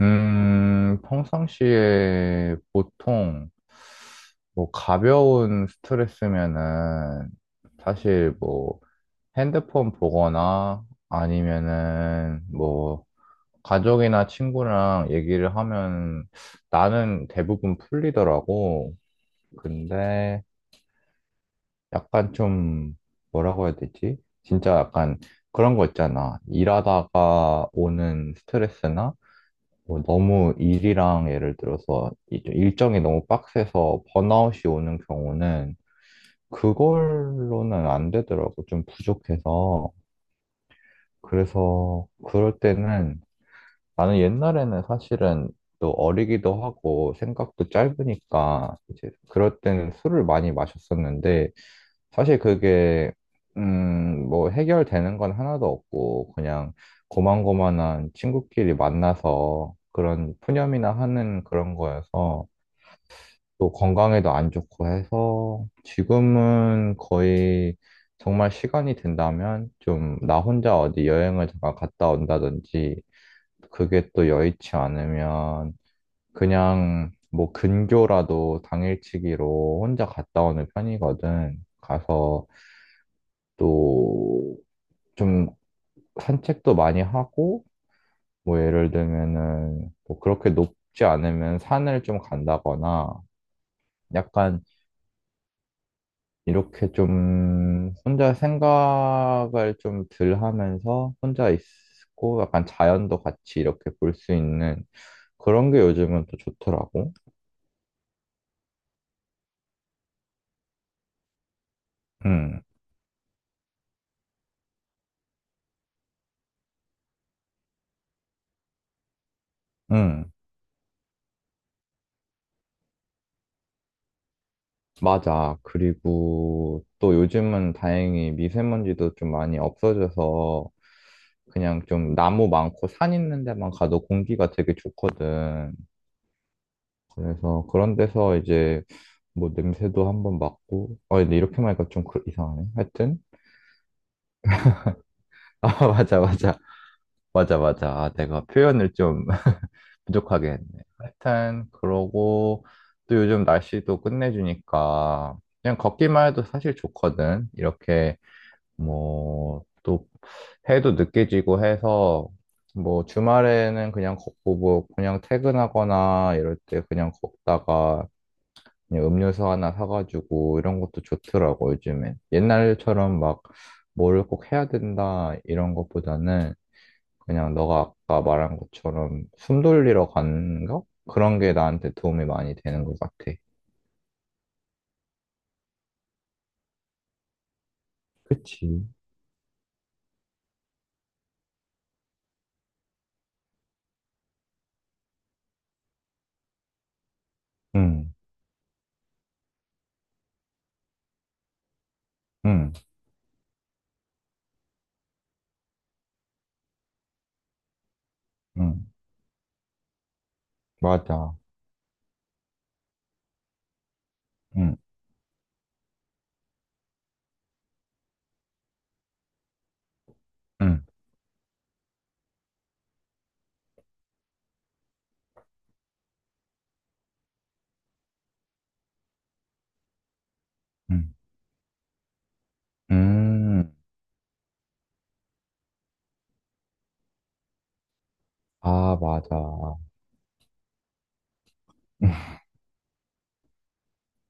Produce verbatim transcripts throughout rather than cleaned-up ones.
음, 평상시에 보통 뭐 가벼운 스트레스면은 사실 뭐 핸드폰 보거나 아니면은 뭐 가족이나 친구랑 얘기를 하면 나는 대부분 풀리더라고. 근데 약간 좀 뭐라고 해야 되지? 진짜 약간 그런 거 있잖아. 일하다가 오는 스트레스나 뭐 너무 일이랑 예를 들어서 이- 일정이 너무 빡세서 번아웃이 오는 경우는 그걸로는 안 되더라고. 좀 부족해서. 그래서 그럴 때는 나는 옛날에는 사실은 또 어리기도 하고 생각도 짧으니까 이제 그럴 때는 술을 많이 마셨었는데 사실 그게 음, 뭐 해결되는 건 하나도 없고 그냥 고만고만한 친구끼리 만나서 그런 푸념이나 하는 그런 거여서 또 건강에도 안 좋고 해서 지금은 거의 정말 시간이 된다면 좀 나 혼자 어디 여행을 잠깐 갔다 온다든지 그게 또 여의치 않으면 그냥 뭐 근교라도 당일치기로 혼자 갔다 오는 편이거든. 가서 또 좀 산책도 많이 하고 뭐 예를 들면은 뭐 그렇게 높지 않으면 산을 좀 간다거나 약간 이렇게 좀 혼자 생각을 좀 덜 하면서 혼자 있고 약간 자연도 같이 이렇게 볼 수 있는 그런 게 요즘은 또 좋더라고. 응, 응. 맞아. 그리고 또 요즘은 다행히 미세먼지도 좀 많이 없어져서 그냥 좀 나무 많고 산 있는 데만 가도 공기가 되게 좋거든. 그래서 그런 데서 이제 뭐 냄새도 한번 맡고. 아, 근데 이렇게 말하니까 좀 그- 이상하네. 하여튼. 아, 맞아, 맞아. 맞아, 맞아. 아, 내가 표현을 좀 부족하게 했네. 하여튼, 그러고 또 요즘 날씨도 끝내주니까 그냥 걷기만 해도 사실 좋거든. 이렇게 뭐, 또, 해도 늦게 지고 해서, 뭐, 주말에는 그냥 걷고, 뭐, 그냥 퇴근하거나 이럴 때 그냥 걷다가, 그냥 음료수 하나 사가지고, 이런 것도 좋더라고, 요즘엔. 옛날처럼 막, 뭐를 꼭 해야 된다, 이런 것보다는, 그냥 너가 아까 말한 것처럼 숨 돌리러 가는 거? 그런 게 나한테 도움이 많이 되는 것 같아. 그치. 응, 응, 응, 맞아. 응, 응, 응. 음. 아, 맞아.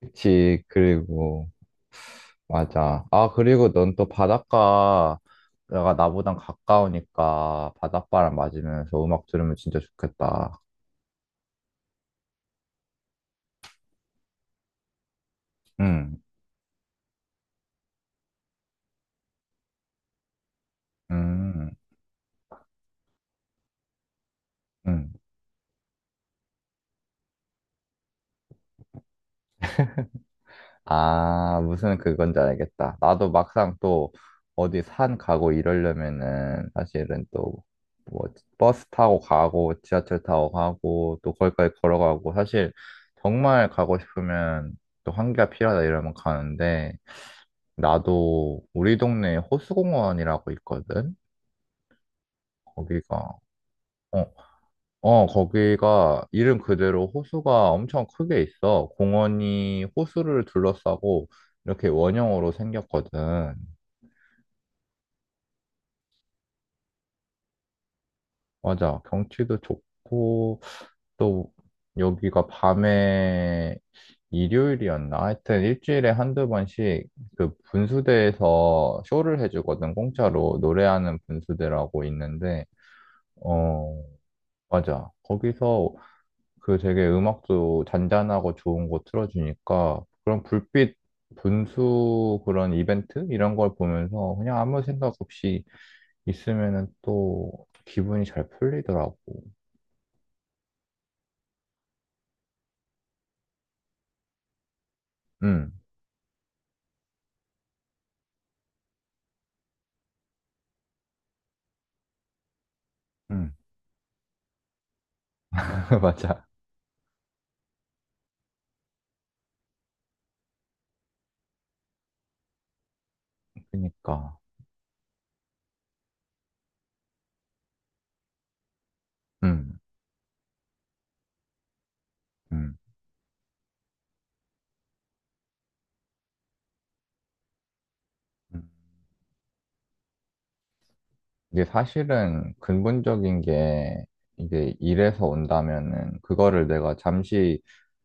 그치, 그리고, 맞아. 아, 그리고 넌 또 바닷가가 나보단 가까우니까 바닷바람 맞으면서 음악 들으면 진짜 좋겠다. 응, 응, 응. 아, 무슨 그건지 알겠다. 나도 막상 또 어디 산 가고 이러려면은 사실은 또 뭐 버스 타고 가고 지하철 타고 가고 또 거기까지 걸어가고 사실 정말 가고 싶으면 또 환기가 필요하다 이러면 가는데 나도 우리 동네에 호수공원이라고 있거든? 거기가, 어, 어, 거기가 이름 그대로 호수가 엄청 크게 있어. 공원이 호수를 둘러싸고 이렇게 원형으로 생겼거든. 맞아. 경치도 좋고, 또 여기가 밤에 일요일이었나? 하여튼 일주일에 한두 번씩 그 분수대에서 쇼를 해주거든. 공짜로 노래하는 분수대라고 있는데, 어, 맞아. 거기서 그 되게 음악도 잔잔하고 좋은 거 틀어주니까 그런 불빛 분수 그런 이벤트 이런 걸 보면서 그냥 아무 생각 없이 있으면은 또 기분이 잘 풀리더라고. 응, 응, 맞아. 그러니까, 응, 응. 응. 이게 사실은 근본적인 게 이게 일에서 온다면은 그거를 내가 잠시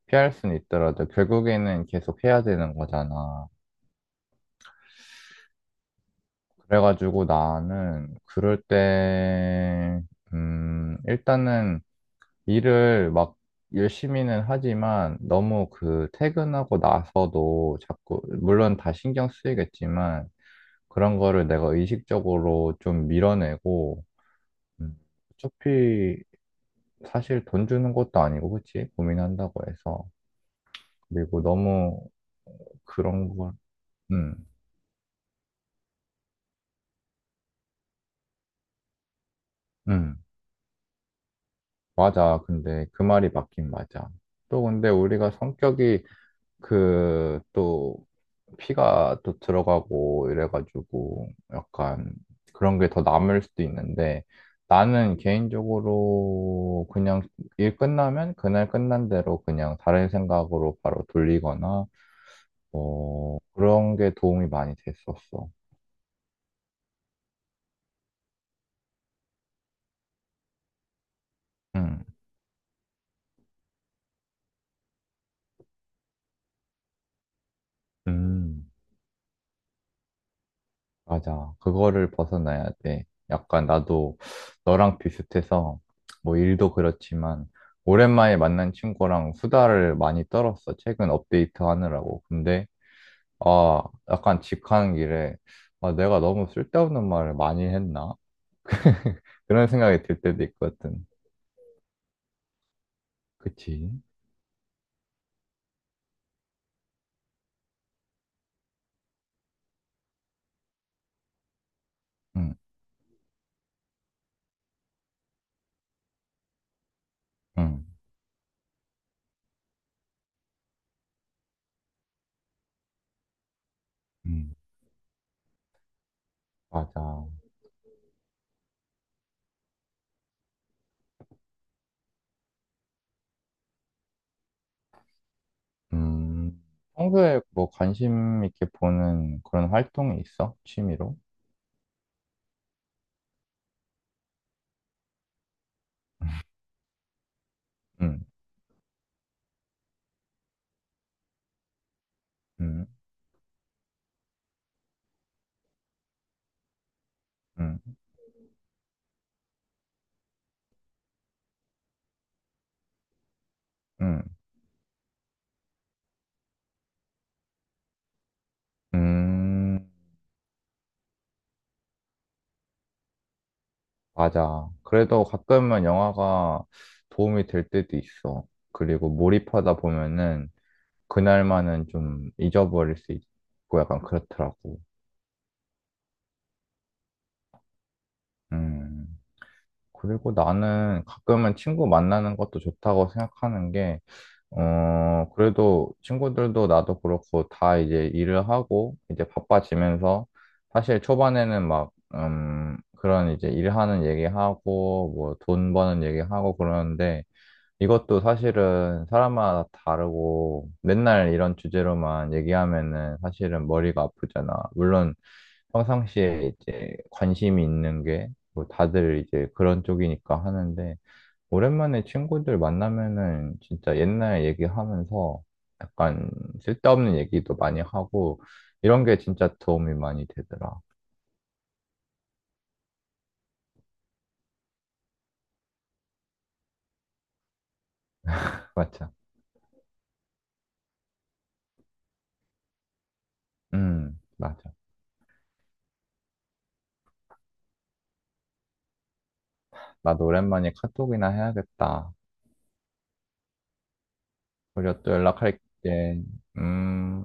피할 수는 있더라도 결국에는 계속 해야 되는 거잖아. 그래가지고 나는 그럴 때, 음, 일단은 일을 막 열심히는 하지만 너무 그 퇴근하고 나서도 자꾸, 물론 다 신경 쓰이겠지만 그런 거를 내가 의식적으로 좀 밀어내고, 음, 어차피 사실 돈 주는 것도 아니고, 그치? 고민한다고 해서. 그리고 너무 그런 걸, 음, 음, 맞아. 근데 그 말이 맞긴 맞아. 또 근데 우리가 성격이 그 또 피가 또 들어가고 이래가지고 약간 그런 게 더 남을 수도 있는데 나는 개인적으로 그냥 일 끝나면 그날 끝난 대로 그냥 다른 생각으로 바로 돌리거나 뭐 그런 게 도움이 많이 됐었어. 음. 음. 맞아. 그거를 벗어나야 돼. 약간 나도 너랑 비슷해서 뭐 일도 그렇지만 오랜만에 만난 친구랑 수다를 많이 떨었어. 최근 업데이트 하느라고. 근데 아, 약간 집 가는 길에 아, 내가 너무 쓸데없는 말을 많이 했나? 그런 생각이 들 때도 있거든. 그치? 응, 응, 응. 맞아. 음, 평소에 뭐 관심 있게 보는 그런 활동이 있어? 취미로? 응, 응, 응, 응. 음, 맞아. 그래도 가끔은 영화가 도움이 될 때도 있어. 그리고 몰입하다 보면은 그날만은 좀 잊어버릴 수 있고 약간 그렇더라고. 음. 그리고 나는 가끔은 친구 만나는 것도 좋다고 생각하는 게, 어, 그래도 친구들도 나도 그렇고 다 이제 일을 하고 이제 바빠지면서 사실 초반에는 막, 음, 그런 이제 일하는 얘기하고 뭐 돈 버는 얘기하고 그러는데 이것도 사실은 사람마다 다르고 맨날 이런 주제로만 얘기하면은 사실은 머리가 아프잖아. 물론 평상시에 이제 관심이 있는 게 뭐 다들 이제 그런 쪽이니까 하는데 오랜만에 친구들 만나면은 진짜 옛날 얘기하면서 약간 쓸데없는 얘기도 많이 하고 이런 게 진짜 도움이 많이 되더라. 맞아. 음, 맞아. 나도 오랜만에 카톡이나 해야겠다. 우리가 또 연락할게. 음.